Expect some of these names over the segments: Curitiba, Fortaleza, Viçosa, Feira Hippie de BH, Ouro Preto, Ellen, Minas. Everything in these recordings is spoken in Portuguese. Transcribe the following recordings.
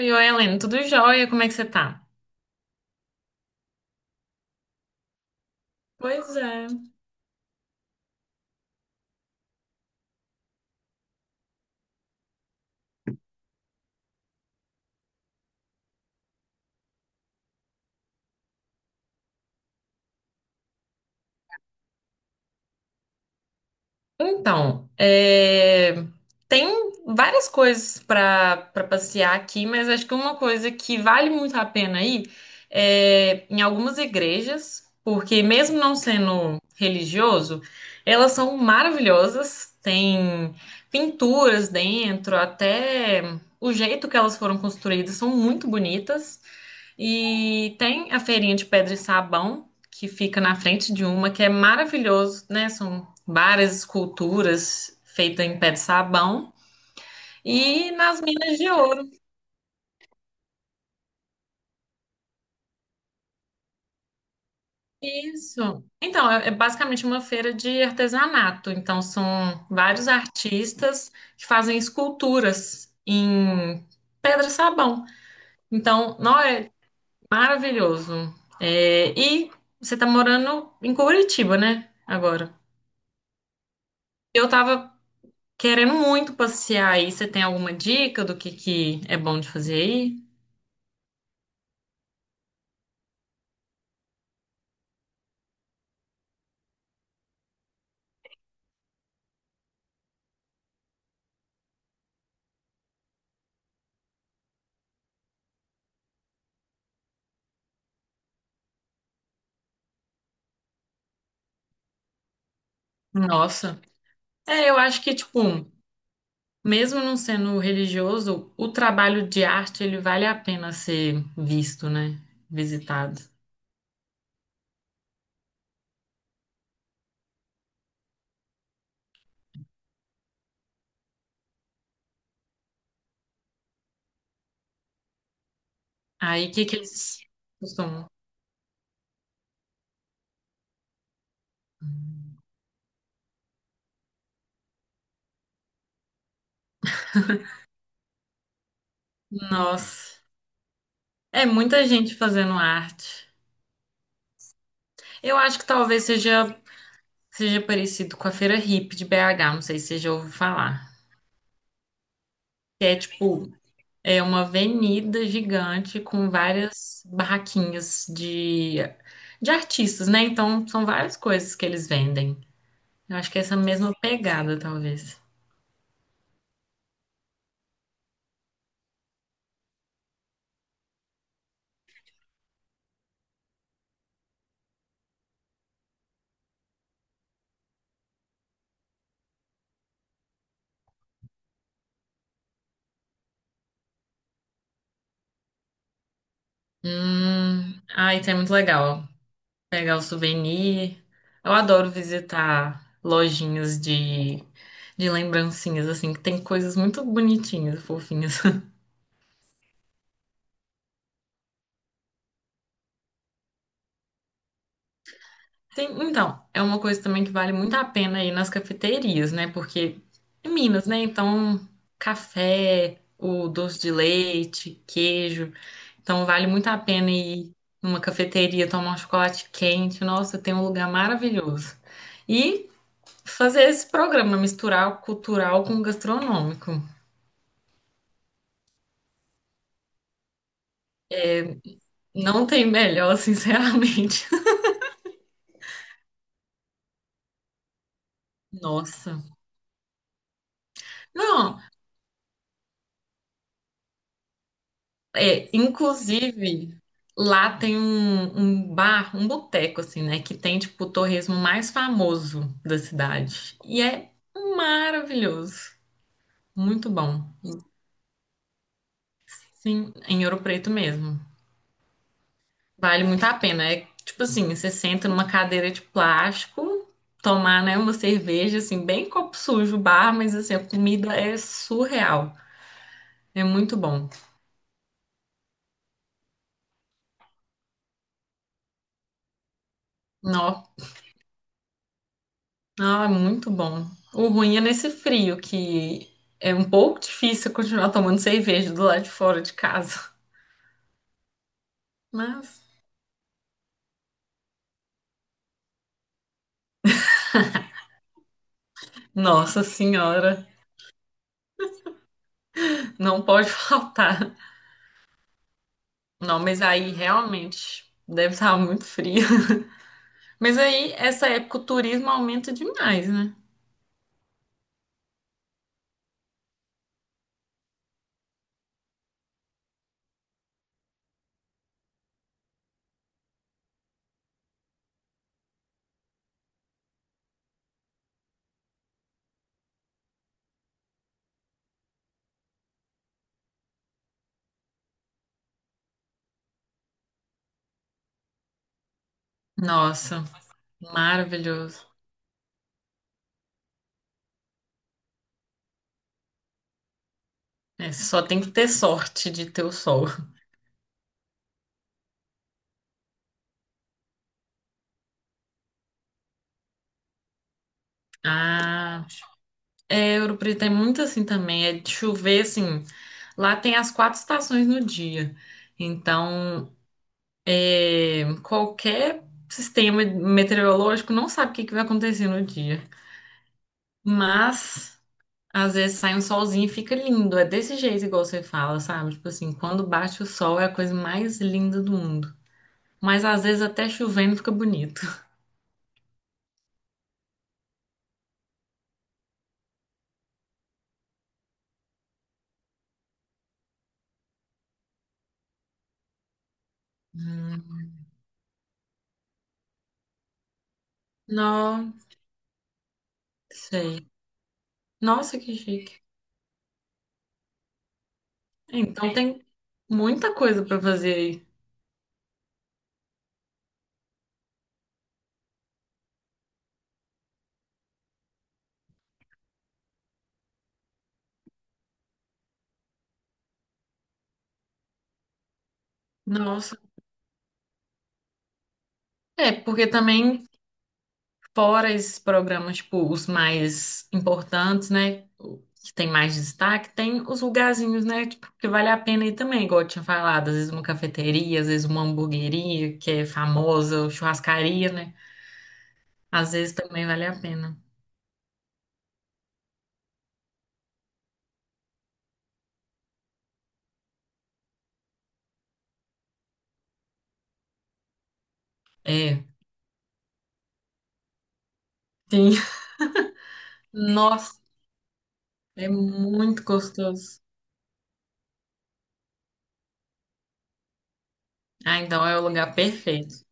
Oi, Ellen, tudo jóia? Como é que você tá? Pois é. Então, é, tem várias coisas para passear aqui, mas acho que uma coisa que vale muito a pena ir é em algumas igrejas, porque mesmo não sendo religioso, elas são maravilhosas, tem pinturas dentro, até o jeito que elas foram construídas são muito bonitas. E tem a feirinha de pedra e sabão, que fica na frente de uma, que é maravilhoso, né? Várias esculturas feitas em pé de sabão e nas minas de ouro. Isso. Então, é basicamente uma feira de artesanato. Então, são vários artistas que fazem esculturas em pedra e sabão. Então, não é maravilhoso. É, e você está morando em Curitiba, né? Agora. Eu tava querendo muito passear aí. Você tem alguma dica do que é bom de fazer aí? Nossa. É, eu acho que, tipo, mesmo não sendo religioso, o trabalho de arte, ele vale a pena ser visto, né? Visitado. Aí, o que que eles costumam? Nossa, é muita gente fazendo arte. Eu acho que talvez seja parecido com a Feira Hippie de BH, não sei se você já ouviu falar. Que é, tipo, é uma avenida gigante com várias barraquinhas de artistas, né? Então, são várias coisas que eles vendem. Eu acho que é essa mesma pegada, talvez. Isso é muito legal. Pegar o souvenir. Eu adoro visitar lojinhas de lembrancinhas, assim, que tem coisas muito bonitinhas, fofinhas. Sim, então, é uma coisa também que vale muito a pena ir nas cafeterias, né? Porque em Minas, né? Então, café, o doce de leite, queijo. Então vale muito a pena ir numa cafeteria tomar um chocolate quente. Nossa, tem um lugar maravilhoso. E fazer esse programa, misturar o cultural com o gastronômico. Não tem melhor, sinceramente. Nossa. Não, é, inclusive, lá tem um bar, um boteco, assim, né? Que tem, tipo, o torresmo mais famoso da cidade. E é maravilhoso. Muito bom. Sim, em Ouro Preto mesmo. Vale muito a pena. É tipo assim, você senta numa cadeira de plástico, tomar, né, uma cerveja, assim, bem copo sujo, bar, mas assim, a comida é surreal. É muito bom. Nó, nó, é muito bom. O ruim é nesse frio, que é um pouco difícil continuar tomando cerveja do lado de fora de casa. Mas, nossa senhora, não pode faltar. Não, mas aí realmente deve estar muito frio. Mas aí, essa época, o turismo aumenta demais, né? Nossa, maravilhoso. É, só tem que ter sorte de ter o sol. Ah, é, Ouro Preto é muito assim também. É de chover, assim. Lá tem as quatro estações no dia. Então, qualquer sistema meteorológico não sabe o que que vai acontecer no dia. Mas, às vezes sai um solzinho e fica lindo. É desse jeito, igual você fala, sabe? Tipo assim, quando bate o sol é a coisa mais linda do mundo. Mas às vezes até chovendo fica bonito. Não sei. Nossa, que chique. Então tem muita coisa pra fazer aí. Nossa. É, porque também fora esses programas, tipo, os mais importantes, né? Que tem mais destaque, tem os lugarzinhos, né? Tipo, que vale a pena ir também, igual eu tinha falado, às vezes uma cafeteria, às vezes uma hamburgueria, que é famosa, ou churrascaria, né? Às vezes também vale a pena. É, sim. Nossa, é muito gostoso. Ah, então é o lugar perfeito.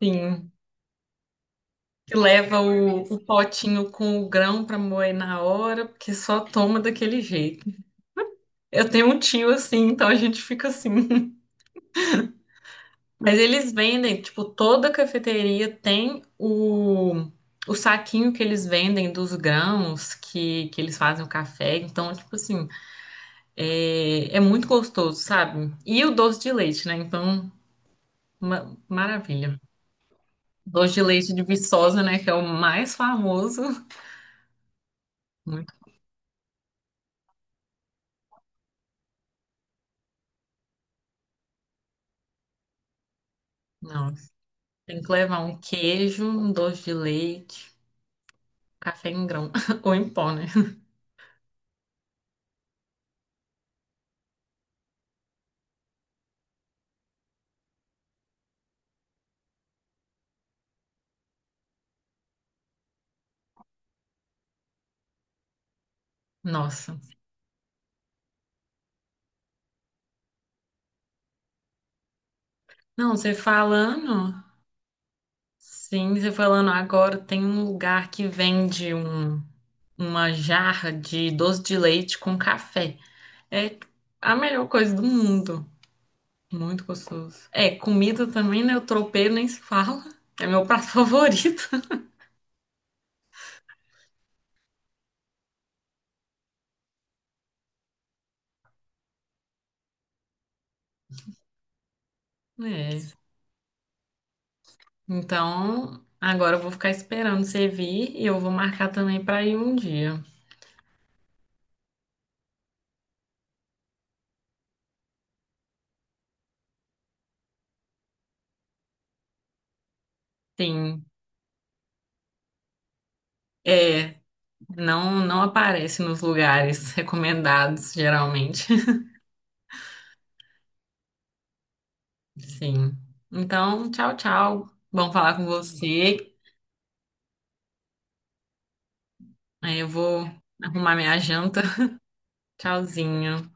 Sim. Que leva o potinho com o grão para moer na hora, porque só toma daquele jeito. Eu tenho um tio assim, então a gente fica assim. Mas eles vendem, tipo, toda cafeteria tem o saquinho que eles vendem dos grãos que eles fazem o café. Então, tipo assim, é muito gostoso, sabe? E o doce de leite, né? Então, maravilha. Doce de leite de Viçosa, né? Que é o mais famoso. Muito. Não. Tem que levar um queijo, um doce de leite, um café em grão, ou em pó, né? Nossa. Não, você falando, sim, você falando agora, tem um lugar que vende uma jarra de doce de leite com café. É a melhor coisa do mundo. Muito gostoso. É, comida também, né? O tropeiro nem se fala. É meu prato favorito. É. Então, agora eu vou ficar esperando você vir e eu vou marcar também pra ir um dia. Sim. É. Não, não aparece nos lugares recomendados, geralmente. Sim. Então, tchau, tchau. Bom falar com você. Aí eu vou arrumar minha janta. Tchauzinho.